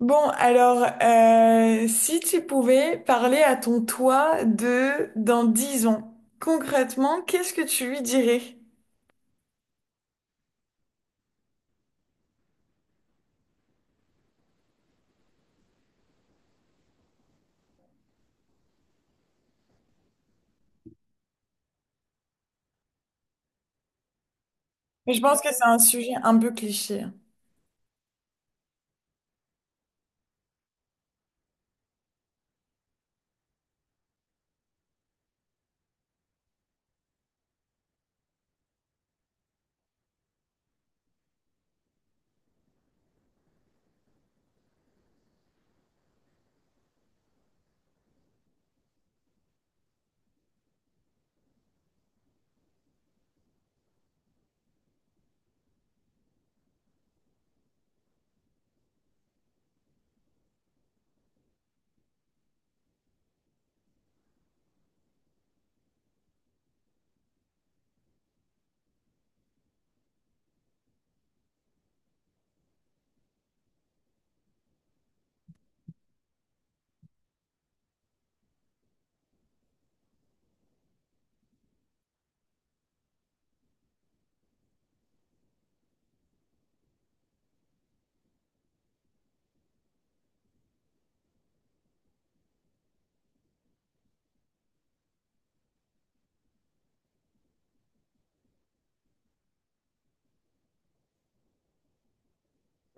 Bon, alors, si tu pouvais parler à ton toi de dans 10 ans, concrètement, qu'est-ce que tu lui dirais? Mais je pense que c'est un sujet un peu cliché, hein.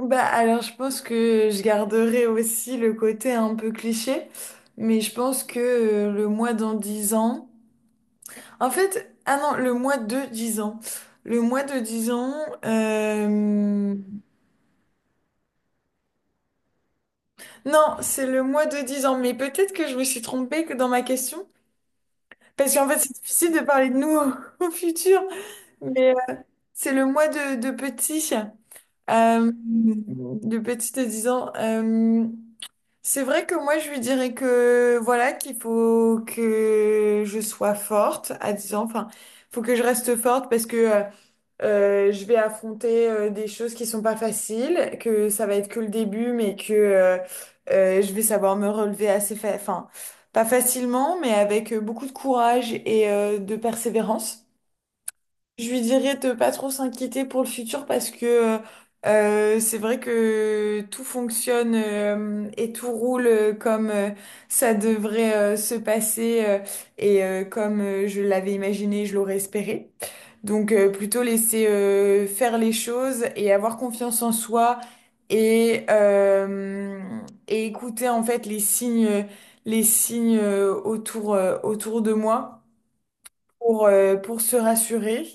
Bah alors, je pense que je garderai aussi le côté un peu cliché, mais je pense que le mois dans 10 ans, en fait, ah non, le mois de 10 ans. Le mois de 10 ans, euh, non, c'est le mois de dix ans, mais peut-être que je me suis trompée que dans ma question. Parce qu'en fait, c'est difficile de parler de nous au, au futur, mais c'est le moi de petit, de petit de 10 ans. C'est vrai que moi, je lui dirais que voilà, qu'il faut que je sois forte à 10 ans. Enfin, faut que je reste forte parce que je vais affronter des choses qui sont pas faciles, que ça va être que le début, mais que je vais savoir me relever assez enfin, pas facilement, mais avec beaucoup de courage et de persévérance. Je lui dirais de pas trop s'inquiéter pour le futur parce que c'est vrai que tout fonctionne et tout roule comme ça devrait se passer, et comme je l'avais imaginé, je l'aurais espéré. Donc plutôt laisser faire les choses et avoir confiance en soi et, euh, et écouter en fait les signes, les signes, autour, autour de moi pour se rassurer.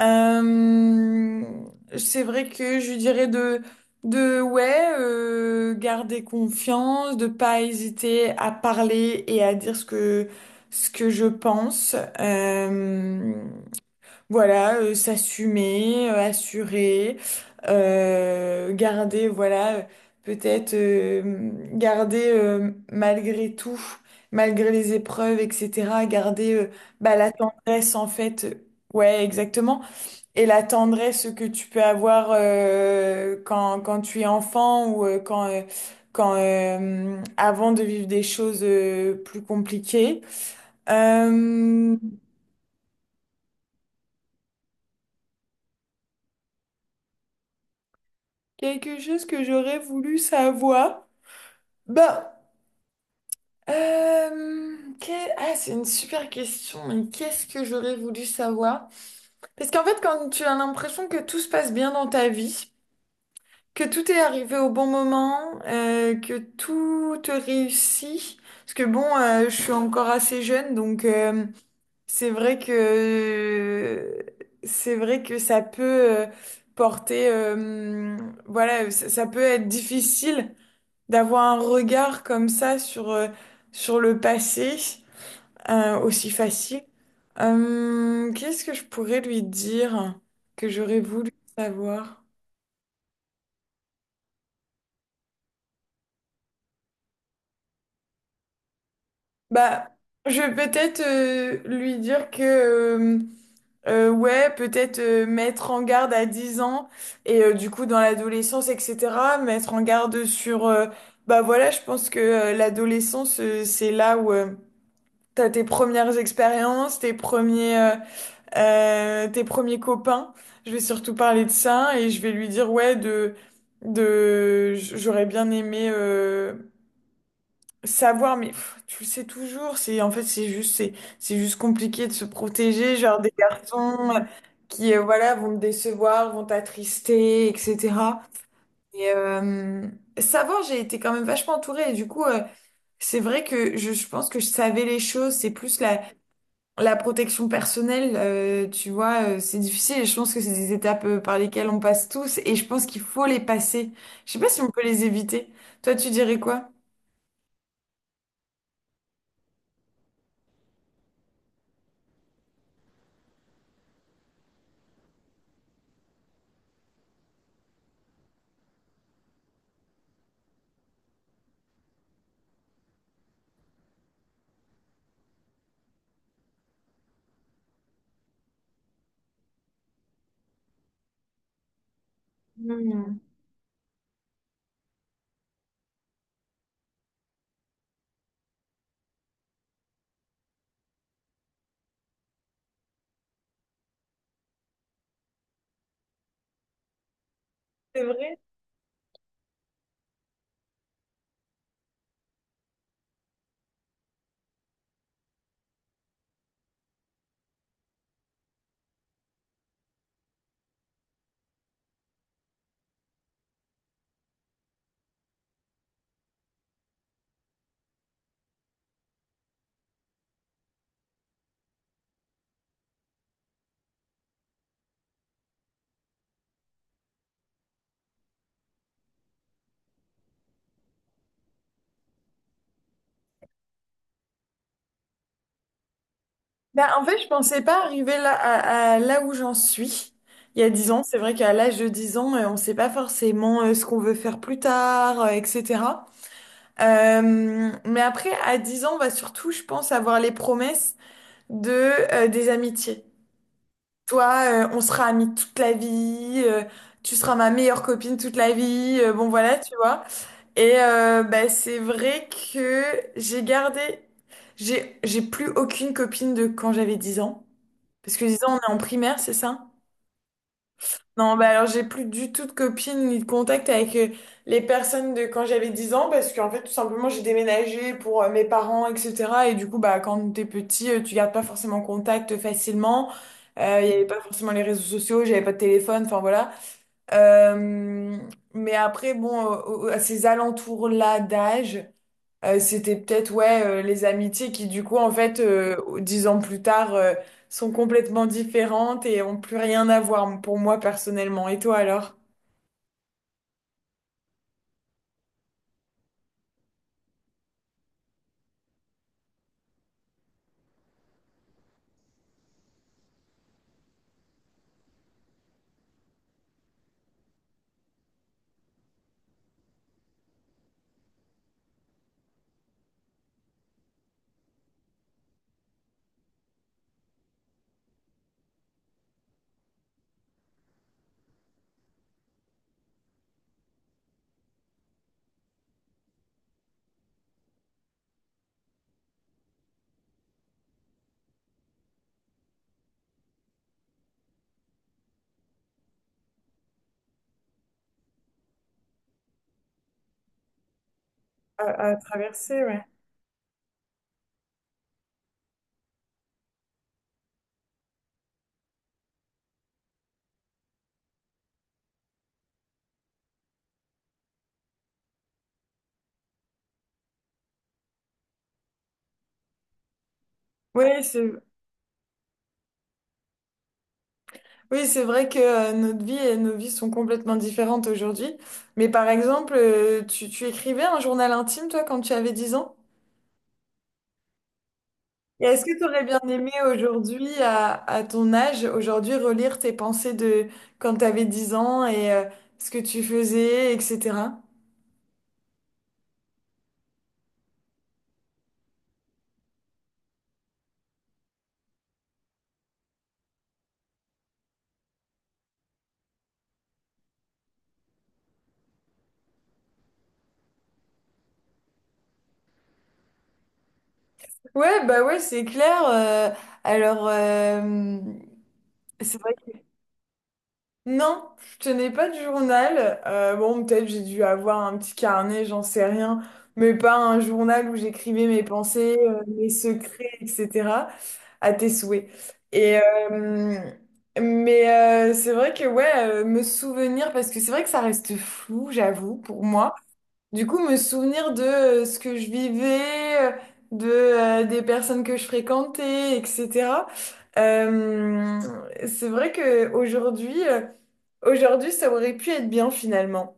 Euh, c'est vrai que je dirais de ouais, garder confiance, de pas hésiter à parler et à dire ce que je pense. Voilà, s'assumer, assurer, garder, voilà, peut-être garder, malgré tout, malgré les épreuves, etc., garder, bah, la tendresse en fait, ouais, exactement, et la tendresse que tu peux avoir quand, quand tu es enfant ou quand, avant de vivre des choses plus compliquées. Euh, Quelque chose que j'aurais voulu savoir. Ben, ah, c'est une super question, mais qu'est-ce que j'aurais voulu savoir? Parce qu'en fait, quand tu as l'impression que tout se passe bien dans ta vie, que tout est arrivé au bon moment, que tout te réussit, parce que bon, je suis encore assez jeune, donc c'est vrai que c'est vrai que ça peut, euh, porter, voilà, ça peut être difficile d'avoir un regard comme ça sur, sur le passé, aussi facile. Qu'est-ce que je pourrais lui dire que j'aurais voulu savoir? Bah, je vais peut-être lui dire que, ouais, peut-être mettre en garde à 10 ans et du coup dans l'adolescence, etc., mettre en garde sur, bah voilà, je pense que l'adolescence, c'est là où... T'as tes premières expériences, tes premiers copains. Je vais surtout parler de ça et je vais lui dire ouais de j'aurais bien aimé savoir, mais pff, tu le sais toujours, c'est en fait c'est juste compliqué de se protéger genre des garçons, qui voilà vont me décevoir, vont t'attrister, etc. Et savoir, j'ai été quand même vachement entourée et du coup c'est vrai que je pense que je savais les choses, c'est plus la protection personnelle, tu vois, c'est difficile et je pense que c'est des étapes par lesquelles on passe tous et je pense qu'il faut les passer. Je sais pas si on peut les éviter. Toi, tu dirais quoi? Hmm. C'est vrai. Ben, en fait, je pensais pas arriver là, à là où j'en suis. Il y a dix ans, c'est vrai qu'à l'âge de 10 ans, on sait pas forcément ce qu'on veut faire plus tard, etc. Mais après, à 10 ans, on va surtout, je pense, avoir les promesses de, des amitiés. Toi, on sera amis toute la vie, tu seras ma meilleure copine toute la vie, bon voilà, tu vois. Et bah, c'est vrai que j'ai gardé, j'ai plus aucune copine de quand j'avais 10 ans. Parce que 10 ans, on est en primaire, c'est ça? Non, bah alors j'ai plus du tout de copines ni de contact avec les personnes de quand j'avais 10 ans parce qu'en fait tout simplement j'ai déménagé pour mes parents, etc. Et du coup bah quand t'es petit, tu gardes pas forcément contact facilement. Il y avait pas forcément les réseaux sociaux, j'avais pas de téléphone, enfin voilà. Euh, mais après bon, à ces alentours-là d'âge. C'était peut-être ouais les amitiés qui du coup en fait dix ans plus tard sont complètement différentes et ont plus rien à voir pour moi personnellement. Et toi alors? À, à traverser, ouais. Ouais, c'est oui, c'est vrai que notre vie et nos vies sont complètement différentes aujourd'hui. Mais par exemple, tu, tu écrivais un journal intime toi quand tu avais 10 ans? Et est-ce que tu aurais bien aimé aujourd'hui, à ton âge, aujourd'hui, relire tes pensées de quand tu avais 10 ans et ce que tu faisais, etc.? Ouais, bah ouais, c'est clair. Alors, c'est vrai que... Non, je tenais pas de journal. Bon, peut-être j'ai dû avoir un petit carnet, j'en sais rien. Mais pas un journal où j'écrivais mes pensées, mes secrets, etc. À tes souhaits. Et, mais c'est vrai que, ouais, me souvenir, parce que c'est vrai que ça reste flou, j'avoue, pour moi. Du coup, me souvenir de ce que je vivais, de des personnes que je fréquentais, etc. Euh, c'est vrai que aujourd'hui, aujourd'hui, ça aurait pu être bien finalement.